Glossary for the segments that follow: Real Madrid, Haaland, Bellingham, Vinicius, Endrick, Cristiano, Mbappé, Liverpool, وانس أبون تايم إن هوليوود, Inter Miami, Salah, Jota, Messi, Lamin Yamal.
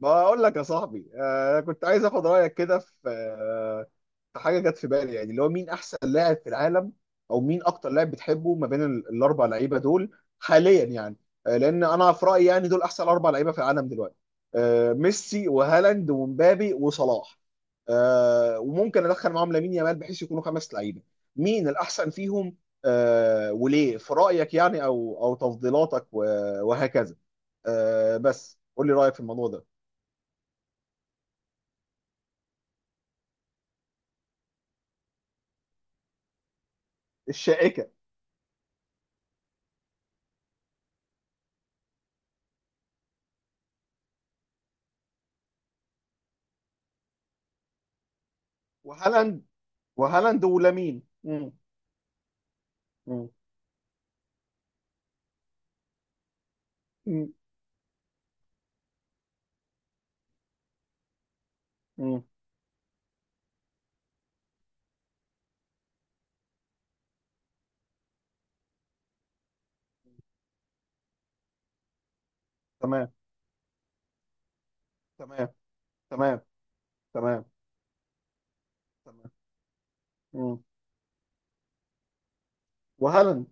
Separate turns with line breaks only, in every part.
بقول لك يا صاحبي، كنت عايز اخد رايك كده في حاجه جت في بالي، يعني اللي هو مين احسن لاعب في العالم، او مين اكتر لاعب بتحبه ما بين الاربع لعيبه دول حاليا يعني. لان انا في رايي يعني دول احسن اربع لعيبه في العالم دلوقتي. ميسي وهالاند ومبابي وصلاح. وممكن ادخل معاهم لامين يامال بحيث يكونوا خمس لعيبه. مين الاحسن فيهم؟ وليه في رايك يعني، او تفضيلاتك و- وهكذا. بس قول لي رايك في الموضوع ده. الشائكه. وهالاند وهالاند ولامين. مم. مم. مم. مم. تمام. تمام. تمام. تمام. تمام. مم. وهالاند.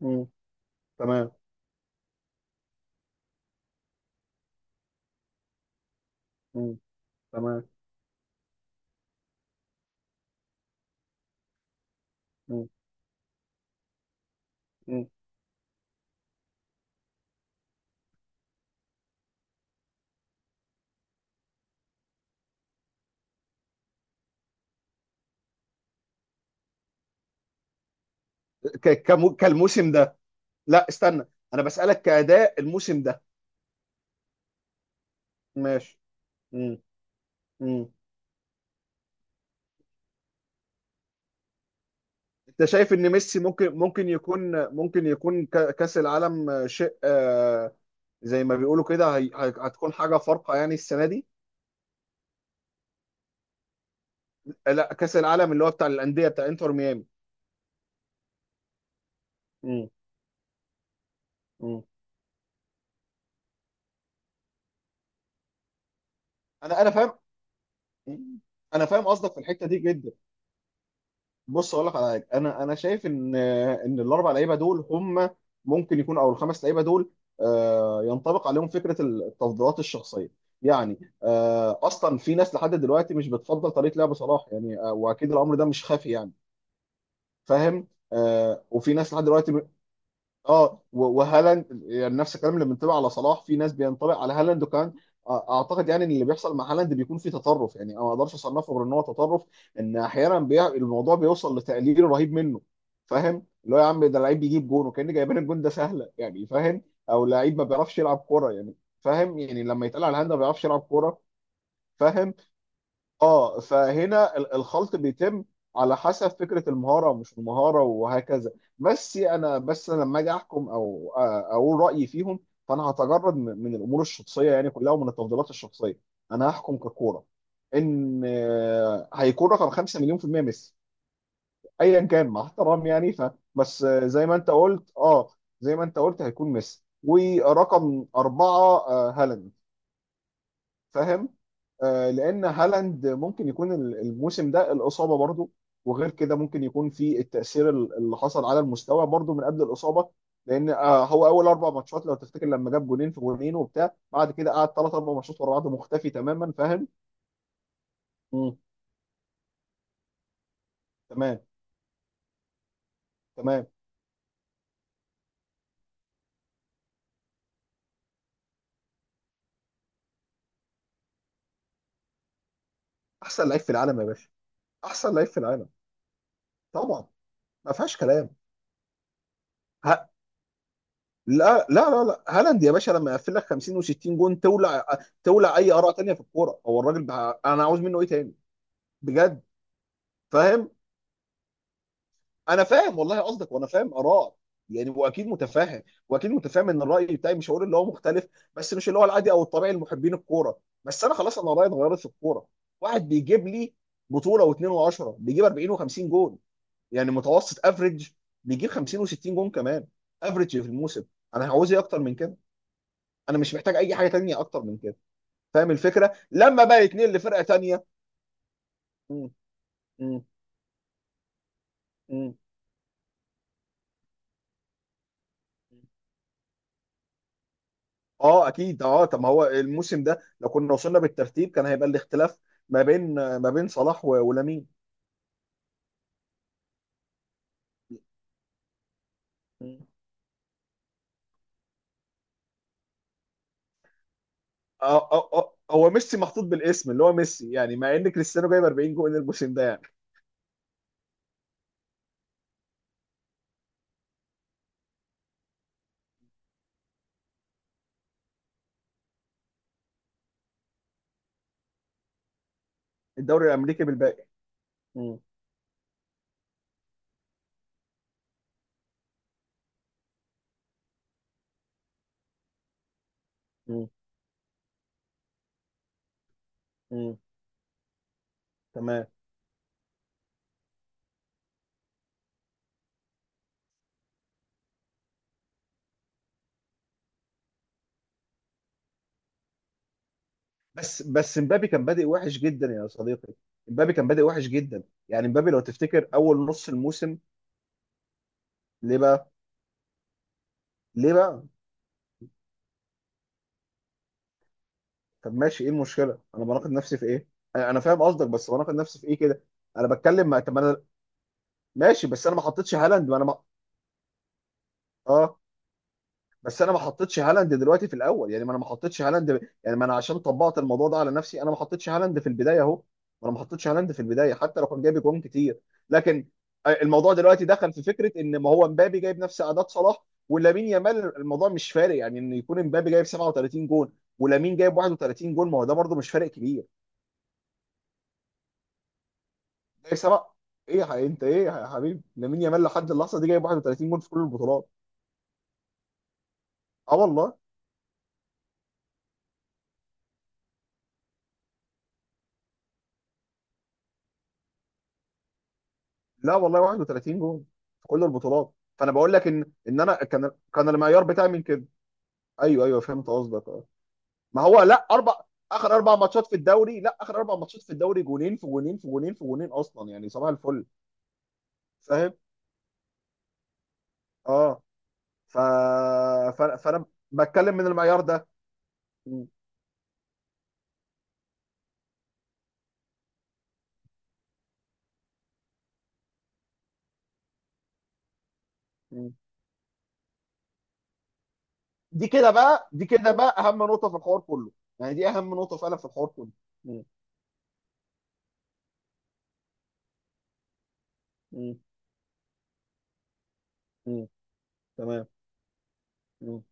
مم. تمام. مم. تمام. مم. مم. كالموسم ده. لا، استنى. انا بسألك كأداء الموسم ده. ماشي. مم. مم. انت شايف ان ميسي ممكن يكون كأس العالم شيء، زي ما بيقولوا كده، هتكون حاجة فارقة يعني السنة دي. لا، كأس العالم اللي هو بتاع الأندية، بتاع انتر ميامي. مم. مم. انا فاهم. مم. انا فاهم قصدك في الحته دي جدا. بص اقول لك على حاجه، انا شايف ان الاربع لعيبه دول هم، ممكن يكون، او الخمس لعيبه دول، ينطبق عليهم فكره التفضيلات الشخصيه، يعني اصلا في ناس لحد دلوقتي مش بتفضل طريقه لعب صلاح، يعني واكيد الامر ده مش خافي يعني. فاهم؟ وفي ناس لحد دلوقتي، اه وهالاند يعني نفس الكلام اللي بينطبق على صلاح، في ناس بينطبق على هالاند، وكان اعتقد يعني ان اللي بيحصل مع هالاند بيكون فيه تطرف، يعني أنا ما اقدرش اصنفه غير ان هو تطرف. ان احيانا الموضوع بيوصل لتقليل رهيب منه. فاهم؟ اللي هو يا عم، ده لعيب بيجيب جون وكان جايبين الجون ده سهله يعني. فاهم؟ او لعيب ما بيعرفش يلعب كوره يعني. فاهم؟ يعني لما يتقال على هالاند ما بيعرفش يلعب كوره. فاهم؟ اه، فهنا الخلط بيتم على حسب فكره المهاره ومش المهاره وهكذا. بس انا لما اجي احكم او اقول رايي فيهم، فانا هتجرد من الامور الشخصيه يعني كلها، ومن التفضيلات الشخصيه. انا هحكم ككوره. ان هيكون رقم 5 مليون في المية ميسي. ايا كان، مع احترام يعني. ف بس زي ما انت قلت، اه زي ما انت قلت، هيكون ميسي ورقم أربعة، هالاند. فاهم؟ لان هالاند ممكن يكون الموسم ده الاصابه برضو، وغير كده ممكن يكون في التاثير اللي حصل على المستوى برضو من قبل الاصابه. لان هو اول اربع ماتشات لو تفتكر، لما جاب جونين في جونين وبتاع، بعد كده قعد ثلاث اربع ماتشات ورا بعض مختفي تماما. فاهم؟ مم. تمام. تمام. احسن لعيب في العالم يا باشا. احسن لعيب في العالم. طبعا. ما فيهاش كلام. ها. لا لا لا لا، هالاند يا باشا لما يقفل لك 50 و60 جون، تولع. تولع اي اراء تانية في الكوره، هو الراجل انا عاوز منه ايه تاني؟ بجد. فاهم؟ انا فاهم والله قصدك، وانا فاهم ارائك، يعني واكيد متفاهم. واكيد متفاهم ان الراي بتاعي، مش هقول اللي هو مختلف، بس مش اللي هو العادي او الطبيعي لمحبين الكوره. بس انا خلاص، انا رايي اتغيرت في الكوره. واحد بيجيب لي بطوله واثنين وعشرة، بيجيب 40 و50 جون يعني. متوسط افريج بيجيب 50 و60 جون كمان، افريج في الموسم. انا هعوز ايه اكتر من كده؟ انا مش محتاج اي حاجه تانية اكتر من كده. فاهم الفكره لما بقى يتنقل لفرقه تانية؟ مم. مم. مم. اه اكيد، اه طب ما هو الموسم ده لو كنا وصلنا بالترتيب كان هيبقى الاختلاف ما بين صلاح ولامين. مم. اه اه اه، هو ميسي محطوط بالاسم اللي هو ميسي يعني، مع ان كريستيانو جايب 40 جول الموسم ده يعني. الدوري الامريكي بالباقي. مم. مم. مم. تمام. بس مبابي كان بادئ وحش جدا يا صديقي. مبابي كان بادئ وحش جدا. يعني مبابي لو تفتكر اول نص الموسم. ليه بقى؟ ليه بقى؟ طب ماشي، ايه المشكله؟ انا بناقض نفسي في ايه؟ انا فاهم قصدك، بس بناقض نفسي في ايه كده؟ انا بتكلم مع، طب ماشي، بس انا ما حطيتش هالاند، ما انا ما... اه بس انا ما حطيتش هالاند دلوقتي في الاول يعني، ما انا ما حطيتش هالاند، يعني ما انا عشان طبقت الموضوع ده على نفسي انا ما حطيتش هالاند في البدايه اهو. ما انا ما حطيتش هالاند في البدايه حتى لو كان جايب جون كتير. لكن الموضوع دلوقتي دخل في فكره ان، ما هو مبابي جايب نفس اعداد صلاح ولامين يامال، الموضوع مش فارق يعني، ان يكون مبابي جايب 37 جون ولامين جايب 31 جون، ما هو ده برده مش فارق كبير. جايب سبعه؟ ايه انت ايه يا حبيبي، لامين يامال لحد اللحظه دي جايب 31 جون في كل البطولات. اه والله. لا والله، 31 جول في كل البطولات. فانا بقول لك ان انا كان المعيار بتاعي من كده. ايوه ايوه فهمت قصدك، اه. ما هو لا، اربع، اخر اربع ماتشات في الدوري، لا اخر اربع ماتشات في الدوري، جونين في جونين في جونين في جونين اصلا يعني، صباح الفل. فاهم؟ اه. ف... فانا بتكلم من المعيار ده. م- م. دي كده بقى، دي كده بقى اهم نقطه في الحوار كله. يعني دي اهم نقطه فعلا في الحوار كله. م- م- م. تمام. م-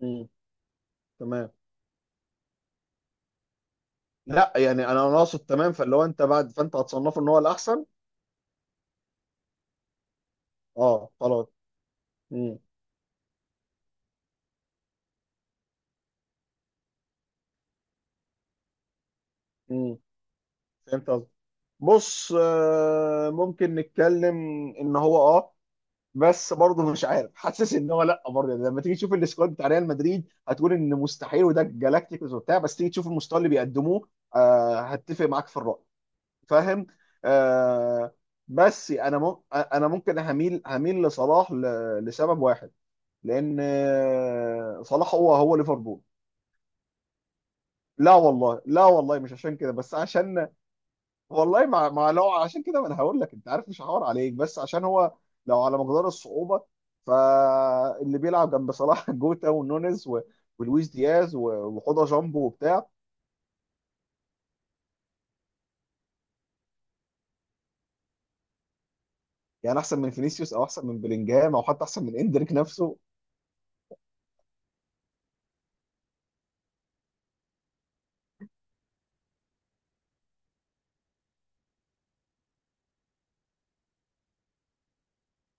م. تمام. لا يعني، انا اقصد تمام فاللي هو انت بعد، فانت هتصنفه ان هو الاحسن. اه خلاص. امم. امم. فهمت قصدك. بص ممكن نتكلم ان هو، بس برضه مش عارف، حاسس ان هو، لا برضه يعني لما تيجي تشوف السكواد بتاع ريال مدريد هتقول ان مستحيل، وده جالاكتيكوس وبتاع، بس تيجي تشوف المستوى اللي بيقدموه. هتفق معاك في الرأي. فاهم؟ آه. بس انا انا ممكن هميل لصلاح، لسبب واحد. لان صلاح هو ليفربول. لا والله، لا والله مش عشان كده، بس عشان، والله مع مع، لو عشان كده ما انا هقول لك، انت عارف مش هحاور عليك، بس عشان هو لو على مقدار الصعوبه، فاللي بيلعب جنب صلاح جوتا ونونيز ولويس دياز وحوضه جامبو وبتاع. يعني احسن من فينيسيوس او احسن من بلينجهام او حتى احسن من اندريك نفسه.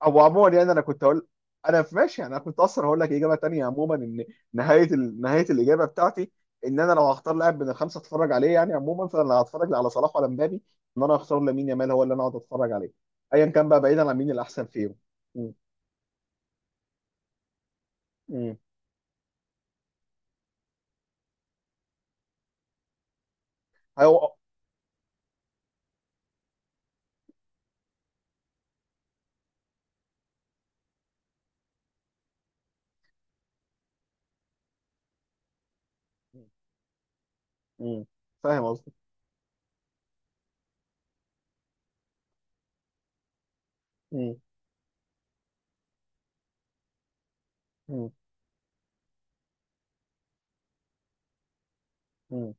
او عموما يعني، انا كنت اقول، انا في ماشي يعني، انا كنت اصلا هقول لك اجابه تانية عموما ان نهايه الاجابه بتاعتي، ان انا لو هختار لاعب من الخمسه اتفرج عليه يعني عموما، فانا لا هتفرج لا على صلاح ولا مبابي، ان انا هختار لامين يامال هو اللي انا اقعد اتفرج عليه، ايا كان بقى بعيدا عن مين الاحسن فيهم. م- م. هو. م- فاهم قصدي. م- م- م.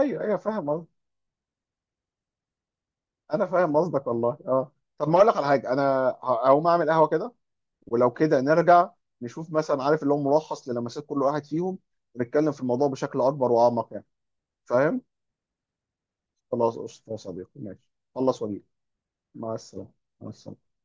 ايوه ايوه فاهم قصدي. انا فاهم قصدك والله، اه. طب ما اقول لك على حاجه، انا هقوم اعمل قهوه كده، ولو كده نرجع نشوف مثلا، عارف اللي هو ملخص للمسات كل واحد فيهم، ونتكلم في الموضوع بشكل اكبر واعمق يعني. فاهم؟ خلاص قشطة يا صديقي، ماشي. خلص واجيلك. مع السلامه. مع السلامه.